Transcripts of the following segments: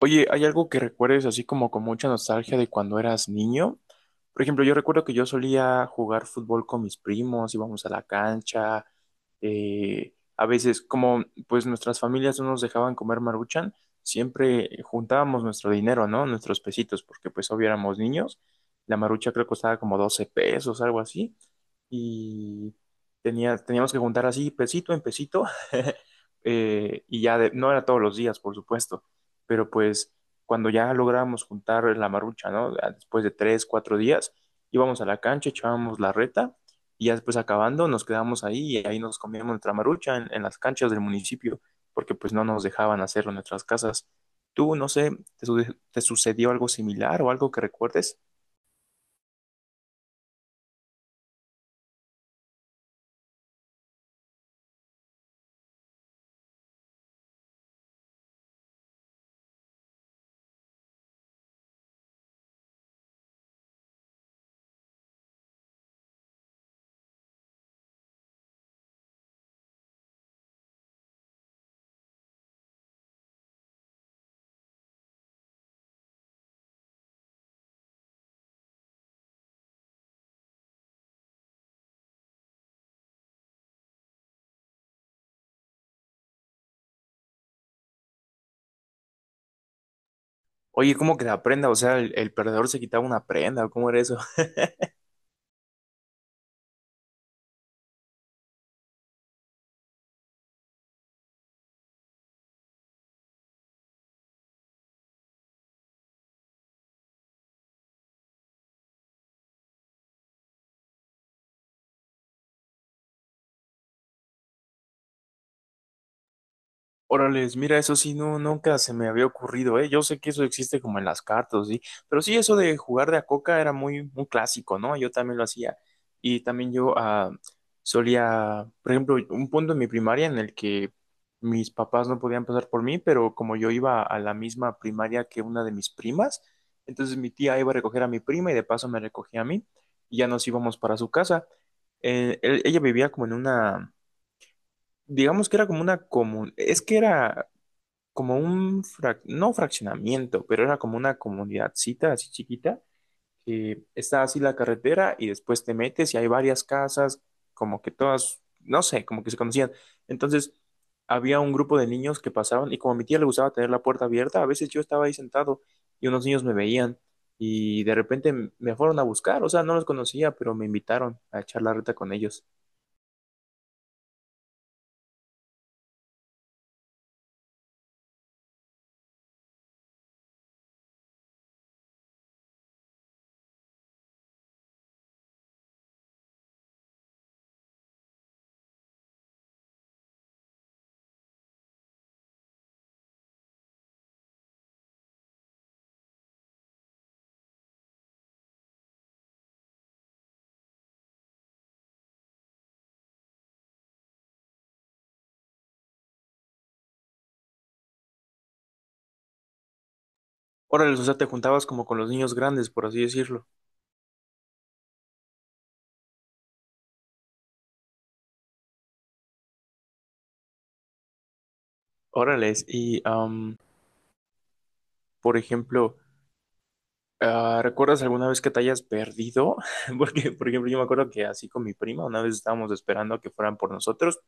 Oye, ¿hay algo que recuerdes así como con mucha nostalgia de cuando eras niño? Por ejemplo, yo recuerdo que yo solía jugar fútbol con mis primos, íbamos a la cancha, a veces como pues nuestras familias no nos dejaban comer maruchan, siempre juntábamos nuestro dinero, ¿no? Nuestros pesitos, porque pues obviamente éramos niños, la marucha creo que costaba como 12 pesos, algo así, y teníamos que juntar así pesito en pesito. Y ya no era todos los días, por supuesto, pero pues cuando ya lográbamos juntar la marucha, ¿no? Después de tres, cuatro días, íbamos a la cancha, echábamos la reta y ya después acabando nos quedábamos ahí y ahí nos comíamos nuestra marucha en las canchas del municipio porque pues no nos dejaban hacerlo en nuestras casas. Tú, no sé, ¿ te sucedió algo similar o algo que recuerdes? Oye, ¿cómo que la prenda? O sea, el perdedor se quitaba una prenda, ¿cómo era eso? Órales, mira, eso sí, no, nunca se me había ocurrido, ¿eh? Yo sé que eso existe como en las cartas, ¿sí? Pero sí, eso de jugar de a coca era muy, muy clásico, ¿no? Yo también lo hacía. Y también yo, solía, por ejemplo, un punto en mi primaria en el que mis papás no podían pasar por mí, pero como yo iba a la misma primaria que una de mis primas, entonces mi tía iba a recoger a mi prima y de paso me recogía a mí y ya nos íbamos para su casa. Ella vivía como en una... Digamos que era como una común, es que era como un, no fraccionamiento, pero era como una comunidadcita así chiquita, que está así la carretera y después te metes y hay varias casas, como que todas, no sé, como que se conocían. Entonces, había un grupo de niños que pasaban y como a mi tía le gustaba tener la puerta abierta, a veces yo estaba ahí sentado y unos niños me veían y de repente me fueron a buscar, o sea, no los conocía, pero me invitaron a echar la reta con ellos. Órale, o sea, te juntabas como con los niños grandes, por así decirlo. Órales, y am, por ejemplo, ah, ¿recuerdas alguna vez que te hayas perdido? Porque, por ejemplo, yo me acuerdo que así con mi prima, una vez estábamos esperando a que fueran por nosotros,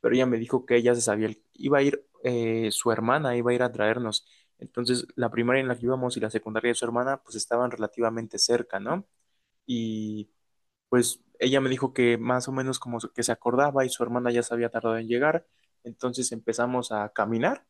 pero ella me dijo que ella se sabía, iba a ir, su hermana iba a ir a traernos. Entonces, la primaria en la que íbamos y la secundaria de su hermana, pues estaban relativamente cerca, ¿no? Y pues ella me dijo que más o menos como que se acordaba y su hermana ya se había tardado en llegar. Entonces empezamos a caminar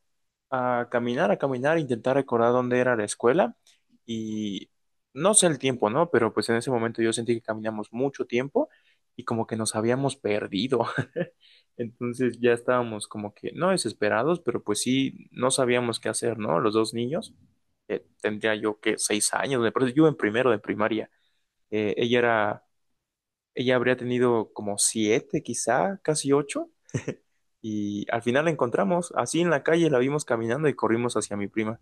a caminar, a caminar, intentar recordar dónde era la escuela y no sé el tiempo, ¿no? Pero pues en ese momento yo sentí que caminamos mucho tiempo y como que nos habíamos perdido. Entonces ya estábamos como que no desesperados, pero pues sí, no sabíamos qué hacer, ¿no? Los dos niños, tendría yo que 6 años, me parece, yo en primero de primaria. Eh, ella era, Ella habría tenido como 7 quizá, casi 8. Y al final la encontramos, así en la calle la vimos caminando y corrimos hacia mi prima.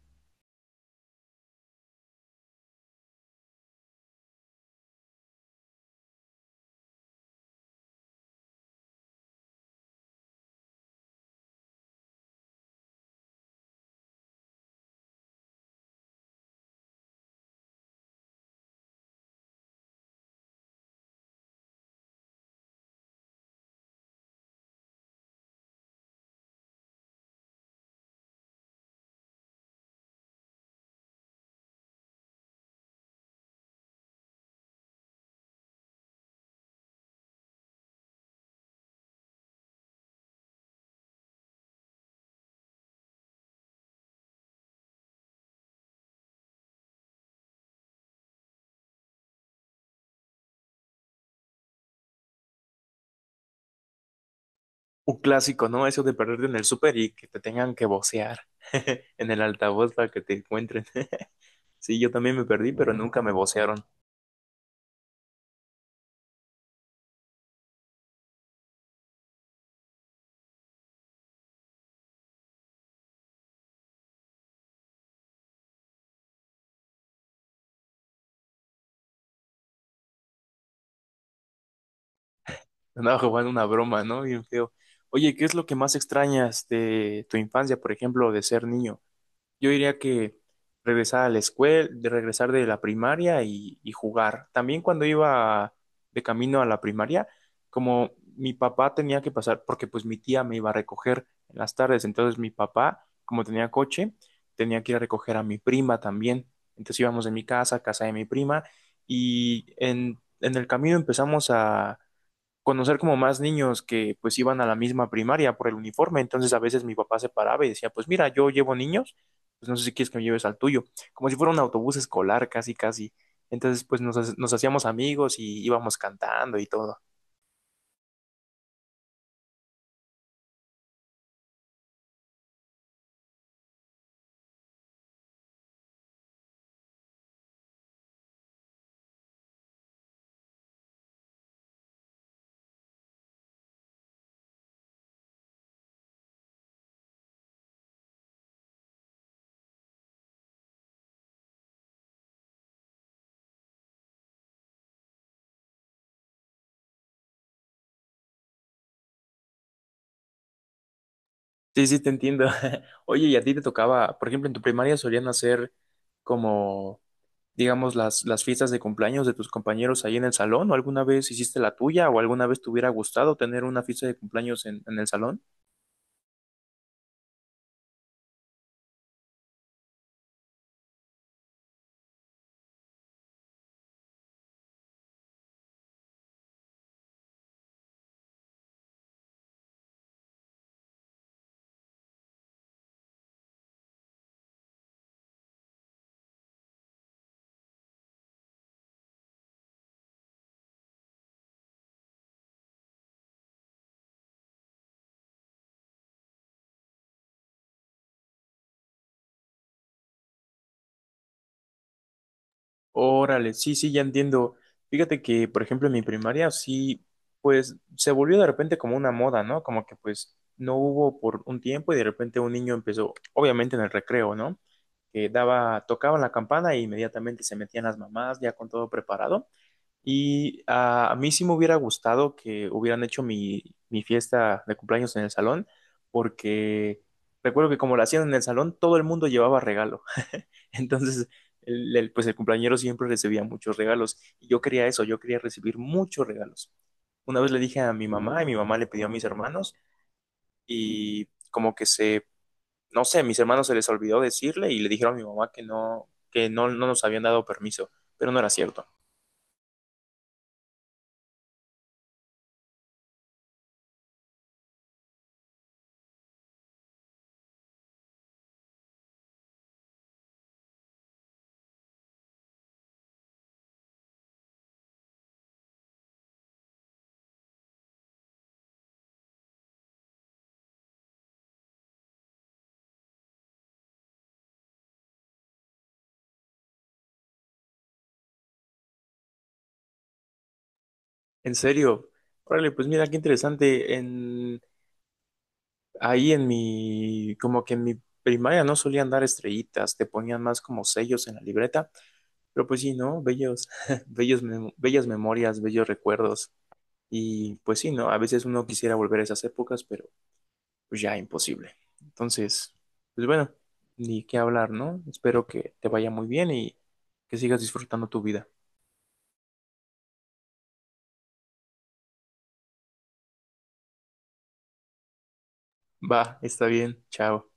Un clásico, ¿no? Eso de perderte en el súper y que te tengan que vocear en el altavoz para que te encuentren. Sí, yo también me perdí, pero nunca me vocearon. Andaba jugando una broma, ¿no? Bien feo. Oye, ¿qué es lo que más extrañas de tu infancia, por ejemplo, de ser niño? Yo diría que regresar a la escuela, de regresar de la primaria y jugar. También cuando iba de camino a la primaria, como mi papá tenía que pasar, porque pues mi tía me iba a recoger en las tardes, entonces mi papá, como tenía coche, tenía que ir a recoger a mi prima también. Entonces íbamos de mi casa a casa de mi prima y en el camino empezamos a conocer como más niños que pues iban a la misma primaria por el uniforme. Entonces a veces mi papá se paraba y decía, pues mira, yo llevo niños, pues no sé si quieres que me lleves al tuyo, como si fuera un autobús escolar casi, casi. Entonces pues nos hacíamos amigos y íbamos cantando y todo. Sí, sí, te entiendo. Oye, ¿y a ti te tocaba, por ejemplo, en tu primaria solían hacer como, digamos, las fiestas de cumpleaños de tus compañeros ahí en el salón? ¿O alguna vez hiciste la tuya? ¿O alguna vez te hubiera gustado tener una fiesta de cumpleaños en el salón? Órale, sí, sí, ya entiendo. Fíjate que, por ejemplo, en mi primaria sí, pues se volvió de repente como una moda, ¿no? Como que pues no hubo por un tiempo y de repente un niño empezó, obviamente en el recreo, ¿no? Que daba, tocaban la campana e inmediatamente se metían las mamás ya con todo preparado. A mí sí me hubiera gustado que hubieran hecho mi fiesta de cumpleaños en el salón, porque recuerdo que como la hacían en el salón, todo el mundo llevaba regalo. Entonces, pues el cumpleañero siempre recibía muchos regalos y yo quería eso, yo quería recibir muchos regalos. Una vez le dije a mi mamá y mi mamá le pidió a mis hermanos y como que se, no sé, a mis hermanos se les olvidó decirle y le dijeron a mi mamá que no, no nos habían dado permiso, pero no era cierto. En serio, órale, pues mira qué interesante, ahí en mi, como que en mi primaria no solían dar estrellitas, te ponían más como sellos en la libreta. Pero pues sí, ¿no? Bellos, bellas memorias, bellos recuerdos. Y pues sí, ¿no? A veces uno quisiera volver a esas épocas, pero pues ya imposible. Entonces, pues bueno, ni qué hablar, ¿no? Espero que te vaya muy bien y que sigas disfrutando tu vida. Va, está bien, chao.